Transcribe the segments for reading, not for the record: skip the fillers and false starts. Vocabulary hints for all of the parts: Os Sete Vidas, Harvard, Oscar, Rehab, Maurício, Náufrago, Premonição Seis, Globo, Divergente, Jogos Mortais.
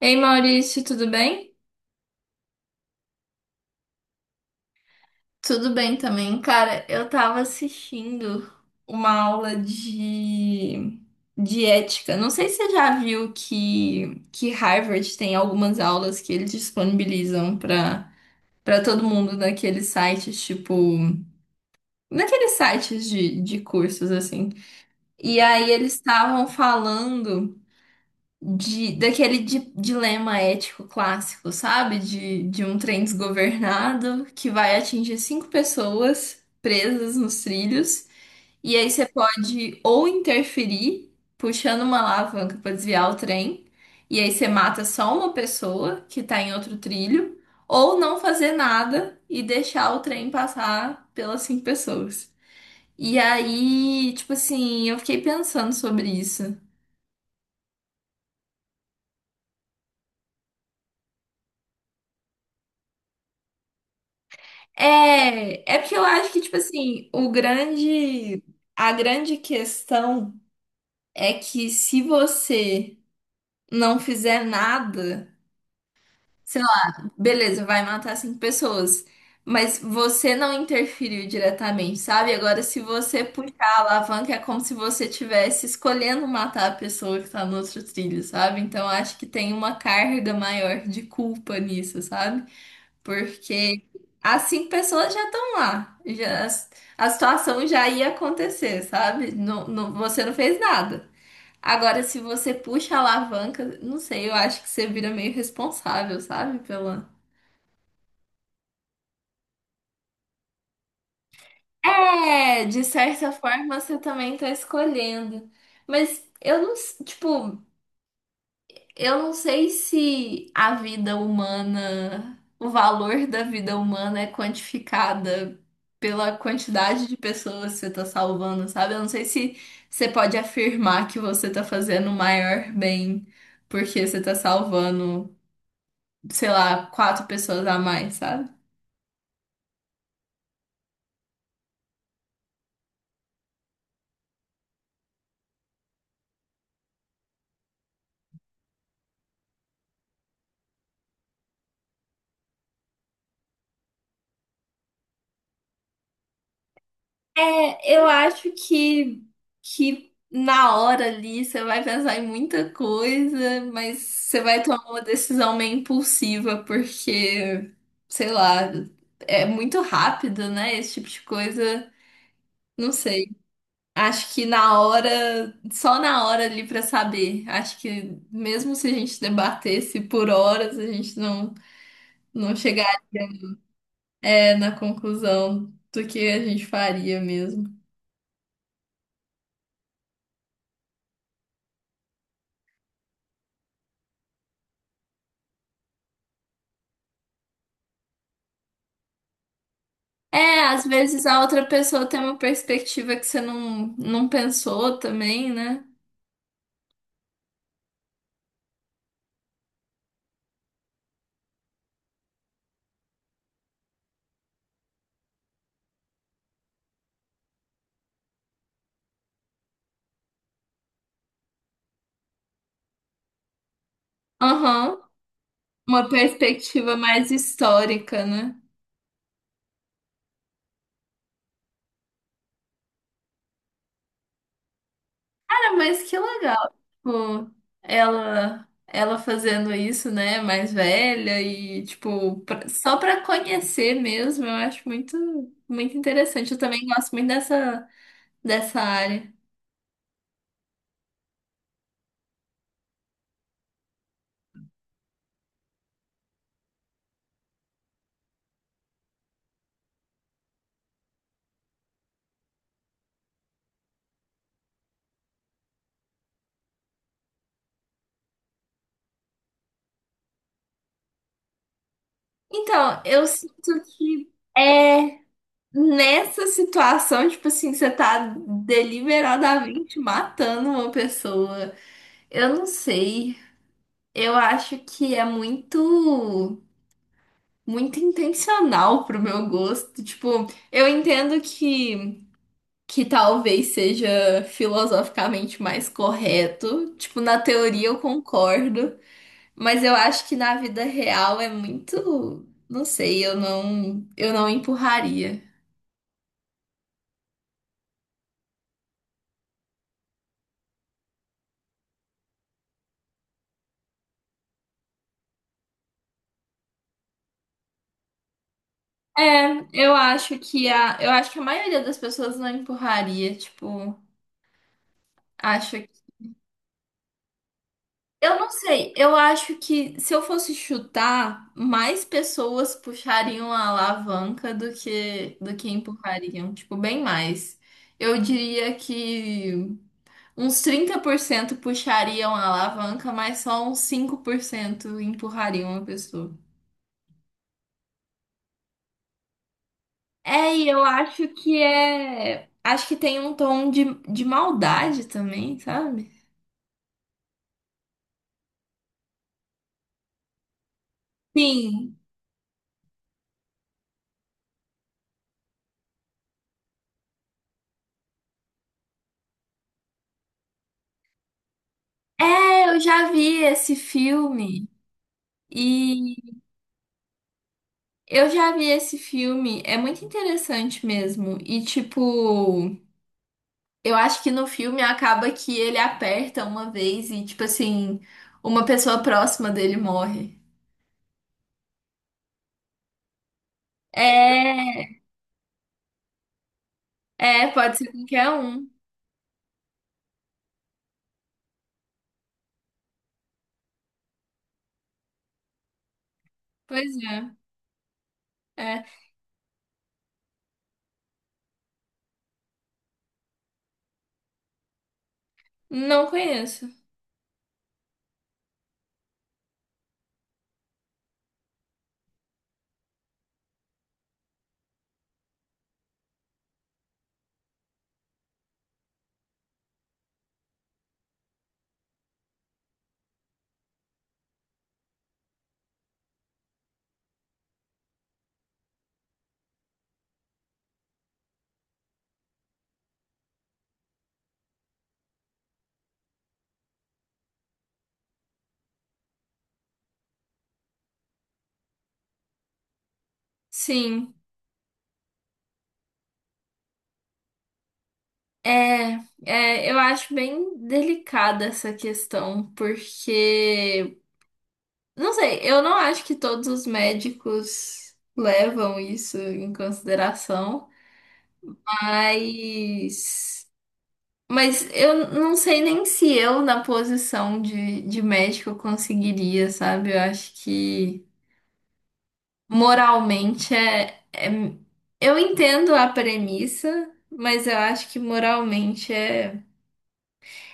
Ei Maurício, tudo bem? Tudo bem também. Cara, eu tava assistindo uma aula de ética. Não sei se você já viu que Harvard tem algumas aulas que eles disponibilizam para todo mundo naqueles sites, tipo, naqueles sites de cursos, assim. E aí eles estavam falando de, daquele dilema ético clássico, sabe? De um trem desgovernado que vai atingir cinco pessoas presas nos trilhos, e aí você pode ou interferir puxando uma alavanca para desviar o trem, e aí você mata só uma pessoa que tá em outro trilho, ou não fazer nada e deixar o trem passar pelas cinco pessoas. E aí, tipo assim, eu fiquei pensando sobre isso. É, é porque eu acho que, tipo assim, a grande questão é que, se você não fizer nada, sei lá, beleza, vai matar cinco pessoas, mas você não interferiu diretamente, sabe? Agora, se você puxar a alavanca, é como se você estivesse escolhendo matar a pessoa que tá no outro trilho, sabe? Então, acho que tem uma carga maior de culpa nisso, sabe? Porque as cinco pessoas já estão lá. Já, a situação já ia acontecer, sabe? Você não fez nada. Agora, se você puxa a alavanca, não sei, eu acho que você vira meio responsável, sabe? Pela. É, de certa forma você também tá escolhendo. Mas eu não, s- tipo, eu não sei se a vida humana, o valor da vida humana é quantificada pela quantidade de pessoas que você tá salvando, sabe? Eu não sei se você pode afirmar que você tá fazendo o maior bem porque você tá salvando, sei lá, quatro pessoas a mais, sabe? É, eu acho que na hora ali você vai pensar em muita coisa, mas você vai tomar uma decisão meio impulsiva, porque, sei lá, é muito rápido, né? Esse tipo de coisa. Não sei. Acho que só na hora ali pra saber. Acho que mesmo se a gente debatesse por horas, a gente não chegaria, na conclusão do que a gente faria mesmo. É, às vezes a outra pessoa tem uma perspectiva que você não pensou também, né? Aham. Uma perspectiva mais histórica, né? Cara, mas que legal. Tipo, ela fazendo isso, né? Mais velha e, tipo, só pra conhecer mesmo, eu acho muito, muito interessante. Eu também gosto muito dessa área. Então, eu sinto que. É. Nessa situação, tipo assim, você tá deliberadamente matando uma pessoa. Eu não sei. Eu acho que é muito, muito intencional pro meu gosto. Tipo, eu entendo que talvez seja filosoficamente mais correto. Tipo, na teoria eu concordo, mas eu acho que na vida real é muito, não sei, eu não empurraria. É, eu acho que a maioria das pessoas não empurraria, tipo, acho que. Eu não sei, eu acho que, se eu fosse chutar, mais pessoas puxariam a alavanca do que empurrariam, tipo, bem mais. Eu diria que uns 30% puxariam a alavanca, mas só uns 5% empurrariam a pessoa. É, e eu acho que tem um tom de, maldade também, sabe? Sim, é, eu já vi esse filme e eu já vi esse filme, é muito interessante mesmo. E tipo, eu acho que no filme acaba que ele aperta uma vez e, tipo assim, uma pessoa próxima dele morre. É, é, pode ser qualquer um. Pois é, é. Não conheço. Sim. É, é, eu acho bem delicada essa questão, porque não sei, eu não acho que todos os médicos levam isso em consideração, mas, mas eu não sei nem se eu, na posição de médico, conseguiria, sabe? Eu acho que moralmente é, é. Eu entendo a premissa, mas eu acho que moralmente é.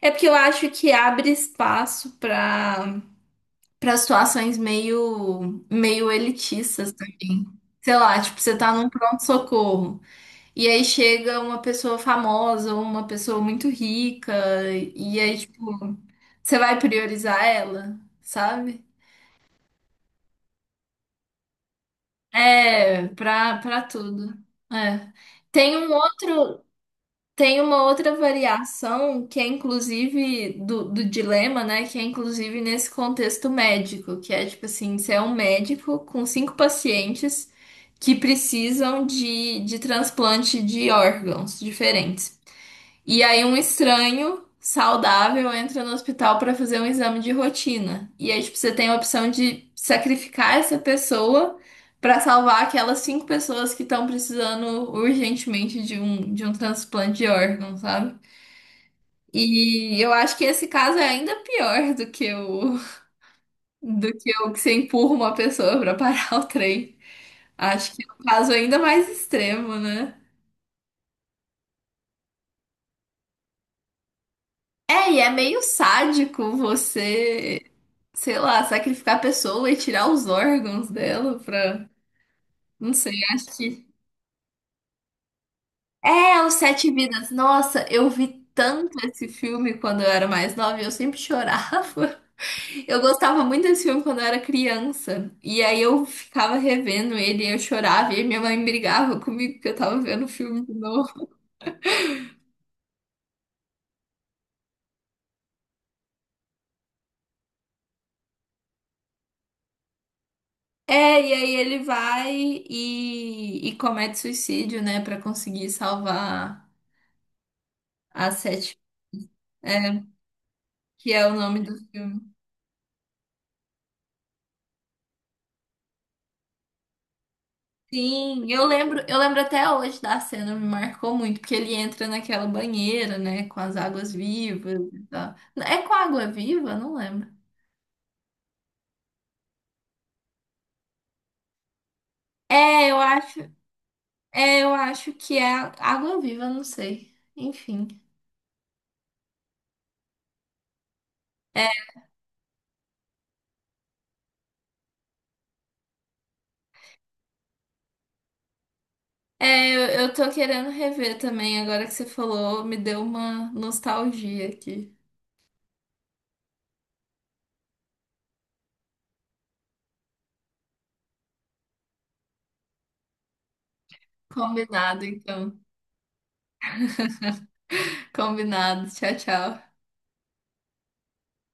É porque eu acho que abre espaço para situações meio, meio elitistas. Sei lá, tipo, você tá num pronto-socorro. E aí chega uma pessoa famosa, ou uma pessoa muito rica, e aí, tipo, você vai priorizar ela, sabe? É, pra tudo. É. Tem um outro. Tem uma outra variação que é inclusive do, dilema, né? Que é inclusive nesse contexto médico, que é tipo assim, você é um médico com cinco pacientes que precisam de transplante de órgãos diferentes. E aí um estranho saudável entra no hospital para fazer um exame de rotina. E aí, tipo, você tem a opção de sacrificar essa pessoa para salvar aquelas cinco pessoas que estão precisando urgentemente de um transplante de órgão, sabe? E eu acho que esse caso é ainda pior do que o que você empurra uma pessoa para parar o trem. Acho que é um caso ainda mais extremo, né? É, e é meio sádico você, sei lá, sacrificar a pessoa e tirar os órgãos dela pra. Não sei, acho que. É, Os Sete Vidas. Nossa, eu vi tanto esse filme quando eu era mais nova e eu sempre chorava. Eu gostava muito desse filme quando eu era criança. E aí eu ficava revendo ele e eu chorava. E aí minha mãe brigava comigo que eu tava vendo o filme de novo. É, e aí ele vai e comete suicídio, né, pra conseguir salvar. As sete, é, que é o nome do filme. Sim, eu lembro até hoje da cena, me marcou muito, porque ele entra naquela banheira, né, com as águas vivas e tal. É com água viva? Não lembro. É, eu acho que é água viva, não sei. Enfim. É, é, eu tô querendo rever também, agora que você falou, me deu uma nostalgia aqui. Combinado, então. Combinado. Tchau, tchau.